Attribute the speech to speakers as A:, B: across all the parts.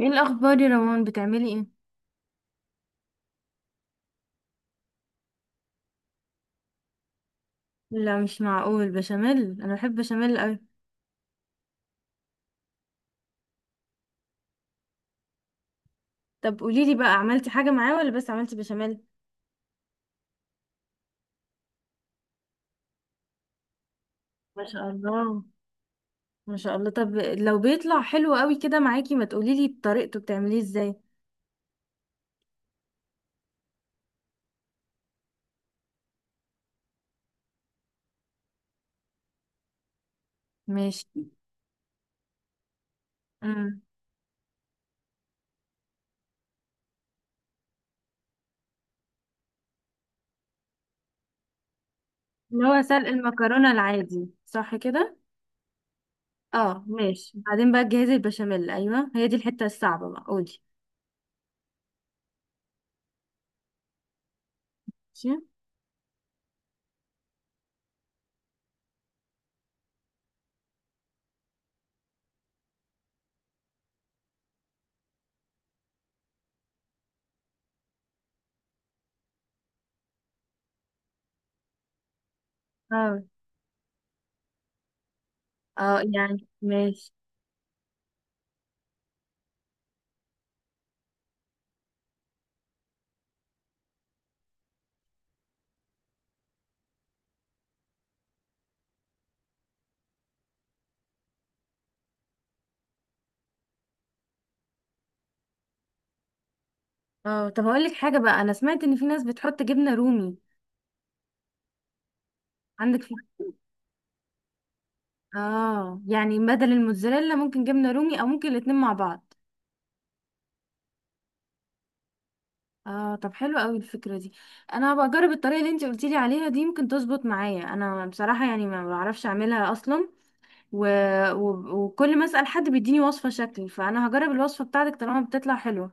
A: ايه الاخبار يا روان؟ بتعملي ايه؟ لا مش معقول، بشاميل! انا بحب بشاميل قوي. طب قولي لي بقى، عملتي حاجه معاه ولا بس عملتي بشاميل؟ ما شاء الله، ما شاء الله. طب لو بيطلع حلو قوي كده معاكي، ما تقولي لي طريقته بتعمليه ازاي؟ ماشي. امم. اللي هو سلق المكرونه العادي، صح كده؟ اه، ماشي. بعدين بقى تجهزي البشاميل. ايوه هي دي الحته الصعبه بقى، قولي. ماشي. اه، اه، يعني ماشي. اه، طب هقول لك حاجه بقى، انا سمعت ان في ناس بتحط جبنه رومي. عندك في. اه، يعني بدل الموتزاريلا ممكن جبنة رومي او ممكن الاتنين مع بعض. اه، طب حلو قوي الفكرة دي. انا هبقى اجرب الطريقة اللي انت قلتيلي عليها دي، ممكن تظبط معايا. انا بصراحة يعني ما بعرفش اعملها اصلا. و... وكل ما اسأل حد بيديني وصفة شكل، فانا هجرب الوصفة بتاعتك طالما بتطلع حلوة.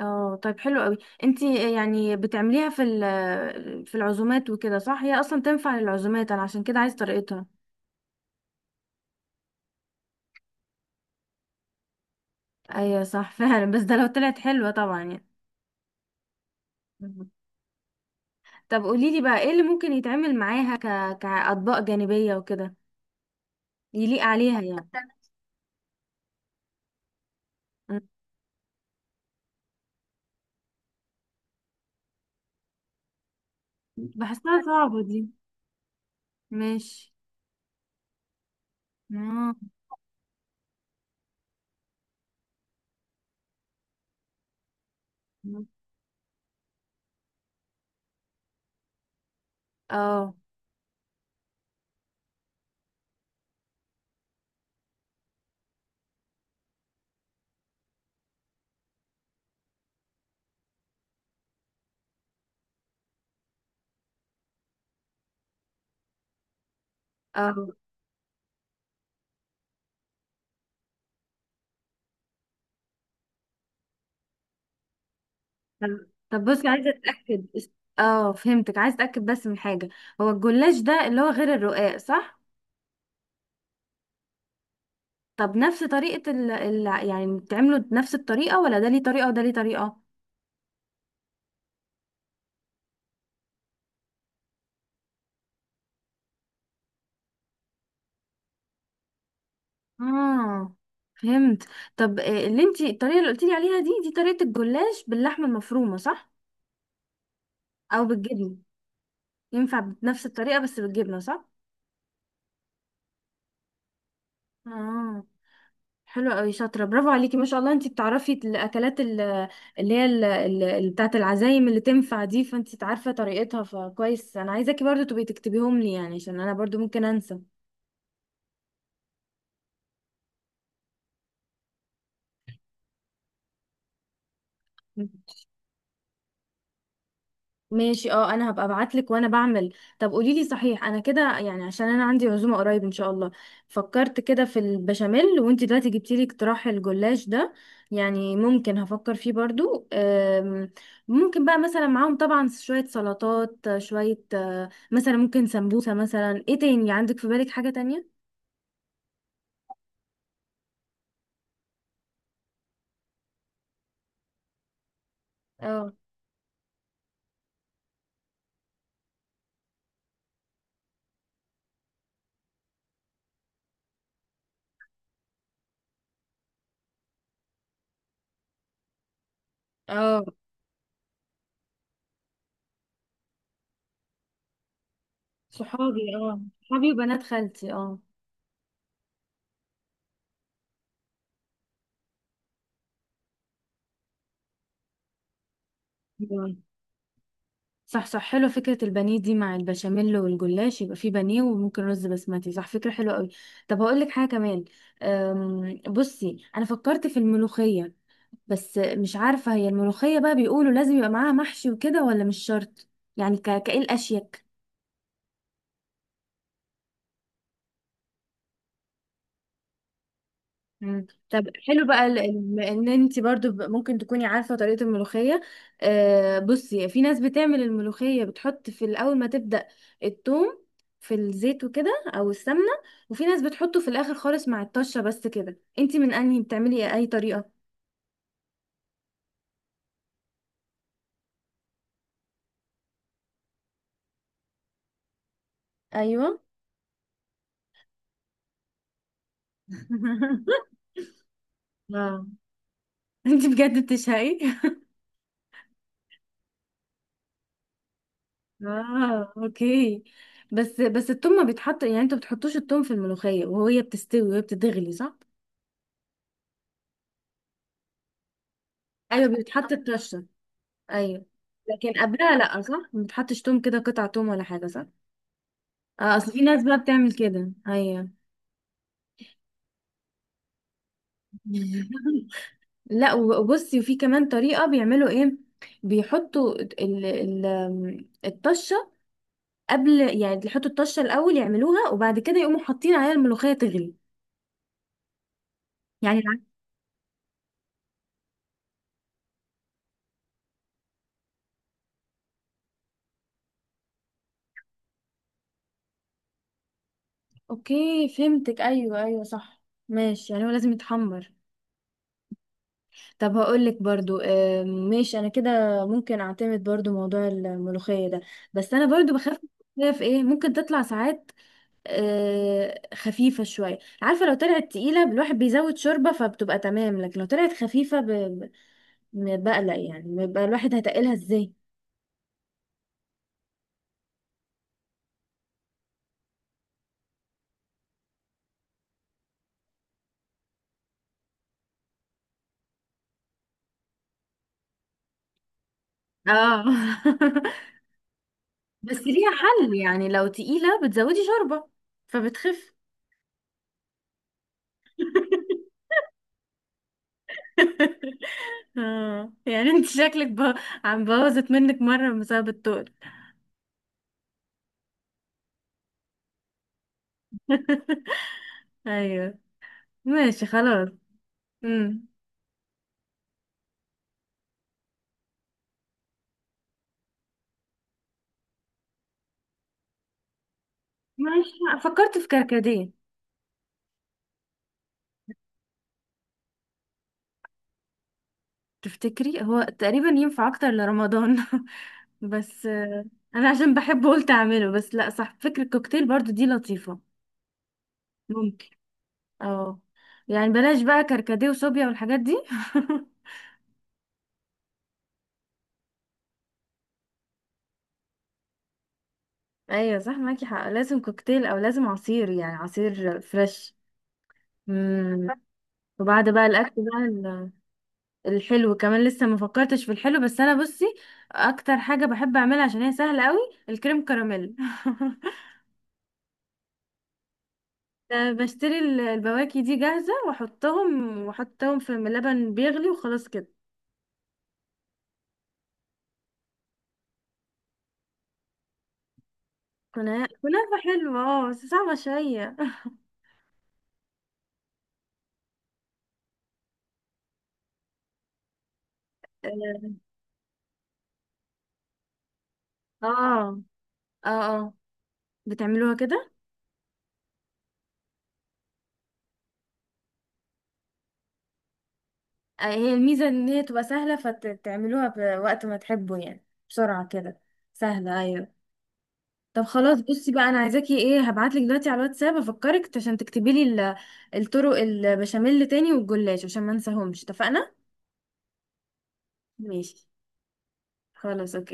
A: اه، طيب حلو قوي. انت يعني بتعمليها في العزومات وكده، صح؟ هي اصلا تنفع للعزومات، انا عشان كده عايز طريقتها. ايوه صح. فعلا، بس ده لو طلعت حلوة طبعا. يعني طب قوليلي بقى، ايه اللي ممكن يتعمل معاها كأطباق جانبية وكده، يليق عليها يعني؟ مم. بحسها صعبة دي. ماشي. اه، اه، اه. طب طب بصي، عايزة اتأكد. اه فهمتك، عايزة اتأكد بس من حاجة. هو الجلاش ده اللي هو غير الرقاق صح؟ طب نفس طريقة يعني بتعمله بنفس الطريقة، ولا ده ليه طريقة وده ليه طريقة؟ اه فهمت. طب اللي انتي الطريقة اللي قلتيلي عليها دي، دي طريقة الجلاش باللحمة المفرومة صح؟ او بالجبنه؟ ينفع بنفس الطريقه بس بالجبنه، صح؟ اه، حلو قوي، شاطره، برافو عليكي، ما شاء الله. انتي بتعرفي الاكلات اللي هي بتاعه العزايم اللي تنفع دي، فانتي عارفه طريقتها، فكويس. انا عايزاكي برضو تبقي تكتبيهم لي يعني، عشان انا برضو ممكن انسى. ماشي، اه، انا هبقى ابعت لك وانا بعمل. طب قولي لي صحيح، انا كده يعني عشان انا عندي عزومه قريب ان شاء الله. فكرت كده في البشاميل، وانت دلوقتي جبتي لي اقتراح الجلاش ده. يعني ممكن هفكر فيه برضو. ممكن بقى مثلا معاهم طبعا شويه سلطات، شويه مثلا ممكن سمبوسه، مثلا ايه تاني عندك في بالك حاجه تانية؟ اه، اه، صحابي، اه، صحابي، وبنات خالتي، اه. صح، صح، حلوة فكرة البانيه دي مع البشاميل والجلاش، يبقى فيه بانيه وممكن رز بسمتي، صح، فكرة حلوة قوي. طب هقول لك حاجة كمان. بصي، أنا فكرت في الملوخية. بس مش عارفة، هي الملوخية بقى بيقولوا لازم يبقى معاها محشي وكده ولا مش شرط؟ يعني كإيه الأشيك؟ مم. طب حلو بقى، ان انت برضو ممكن تكوني عارفه طريقه الملوخيه. بصي، في ناس بتعمل الملوخيه بتحط في الاول ما تبدا الثوم في الزيت وكده او السمنه، وفي ناس بتحطه في الاخر خالص مع الطشه. بس كده انت من انهي بتعملي إيه؟ اي طريقه؟ ايوه. اه، انت بجد بتشهقي؟ اه، اوكي. بس بس الثوم ما بيتحط يعني، انتوا ما بتحطوش الثوم في الملوخيه وهي بتستوي وهي بتتغلي، صح؟ ايوه، بيتحط الطشه، ايوه. لكن قبلها لا، صح؟ ما بتحطش توم كده، قطع توم ولا حاجه، صح؟ اه، اصل في ناس بقى بتعمل كده، ايوه. لا، وبصي، وفي كمان طريقه بيعملوا ايه؟ بيحطوا ال ال الطشه قبل، يعني يحطوا الطشه الاول يعملوها وبعد كده يقوموا حاطين عليها الملوخيه تغلي. يعني اوكي فهمتك، ايوه، ايوه، صح. ماشي، يعني هو لازم يتحمر. طب هقولك برضو ماشي انا كده. ممكن اعتمد برضو موضوع الملوخية ده. بس انا برضو بخاف من الملوخية في ايه ممكن تطلع ساعات. خفيفة شوية، عارفة؟ لو طلعت تقيلة الواحد بيزود شوربة فبتبقى تمام، لكن لو طلعت خفيفة بقلق يعني، بيبقى الواحد هتقلها ازاي. اه. بس ليها حل يعني، لو تقيلة بتزودي شوربة فبتخف. اه، يعني انت شكلك عم بوظت منك مرة بسبب التقل. ايوه، ماشي، خلاص. امم. ماشي، فكرت في كركديه. تفتكري هو تقريبا ينفع اكتر لرمضان؟ بس انا عشان بحبه قلت اعمله، بس لا، صح، فكرة الكوكتيل برضو دي لطيفة. ممكن. اه، يعني بلاش بقى كركديه وصوبيا والحاجات دي. ايوه صح، معاكي حق، لازم كوكتيل او لازم عصير، يعني عصير فريش. امم. وبعد بقى الاكل بقى، الحلو كمان لسه ما فكرتش في الحلو، بس انا بصي، اكتر حاجه بحب اعملها عشان هي سهله قوي الكريم كراميل. أنا بشتري البواكي دي جاهزه واحطهم واحطهم في لبن بيغلي، وخلاص كده. كنا كنافه حلوه، اه بس صعبه شويه. اه، اه، اه، بتعملوها كده. هي الميزه ان هي تبقى سهله، فتعملوها بوقت ما تحبوا يعني، بسرعه كده، سهله، ايوه. طب خلاص بصي بقى، انا عايزاكي ايه، هبعتلك دلوقتي على الواتساب افكرك عشان تكتبي لي الطرق، البشاميل تاني والجلاش، عشان ما انساهمش، اتفقنا؟ ماشي، خلاص، اوكي.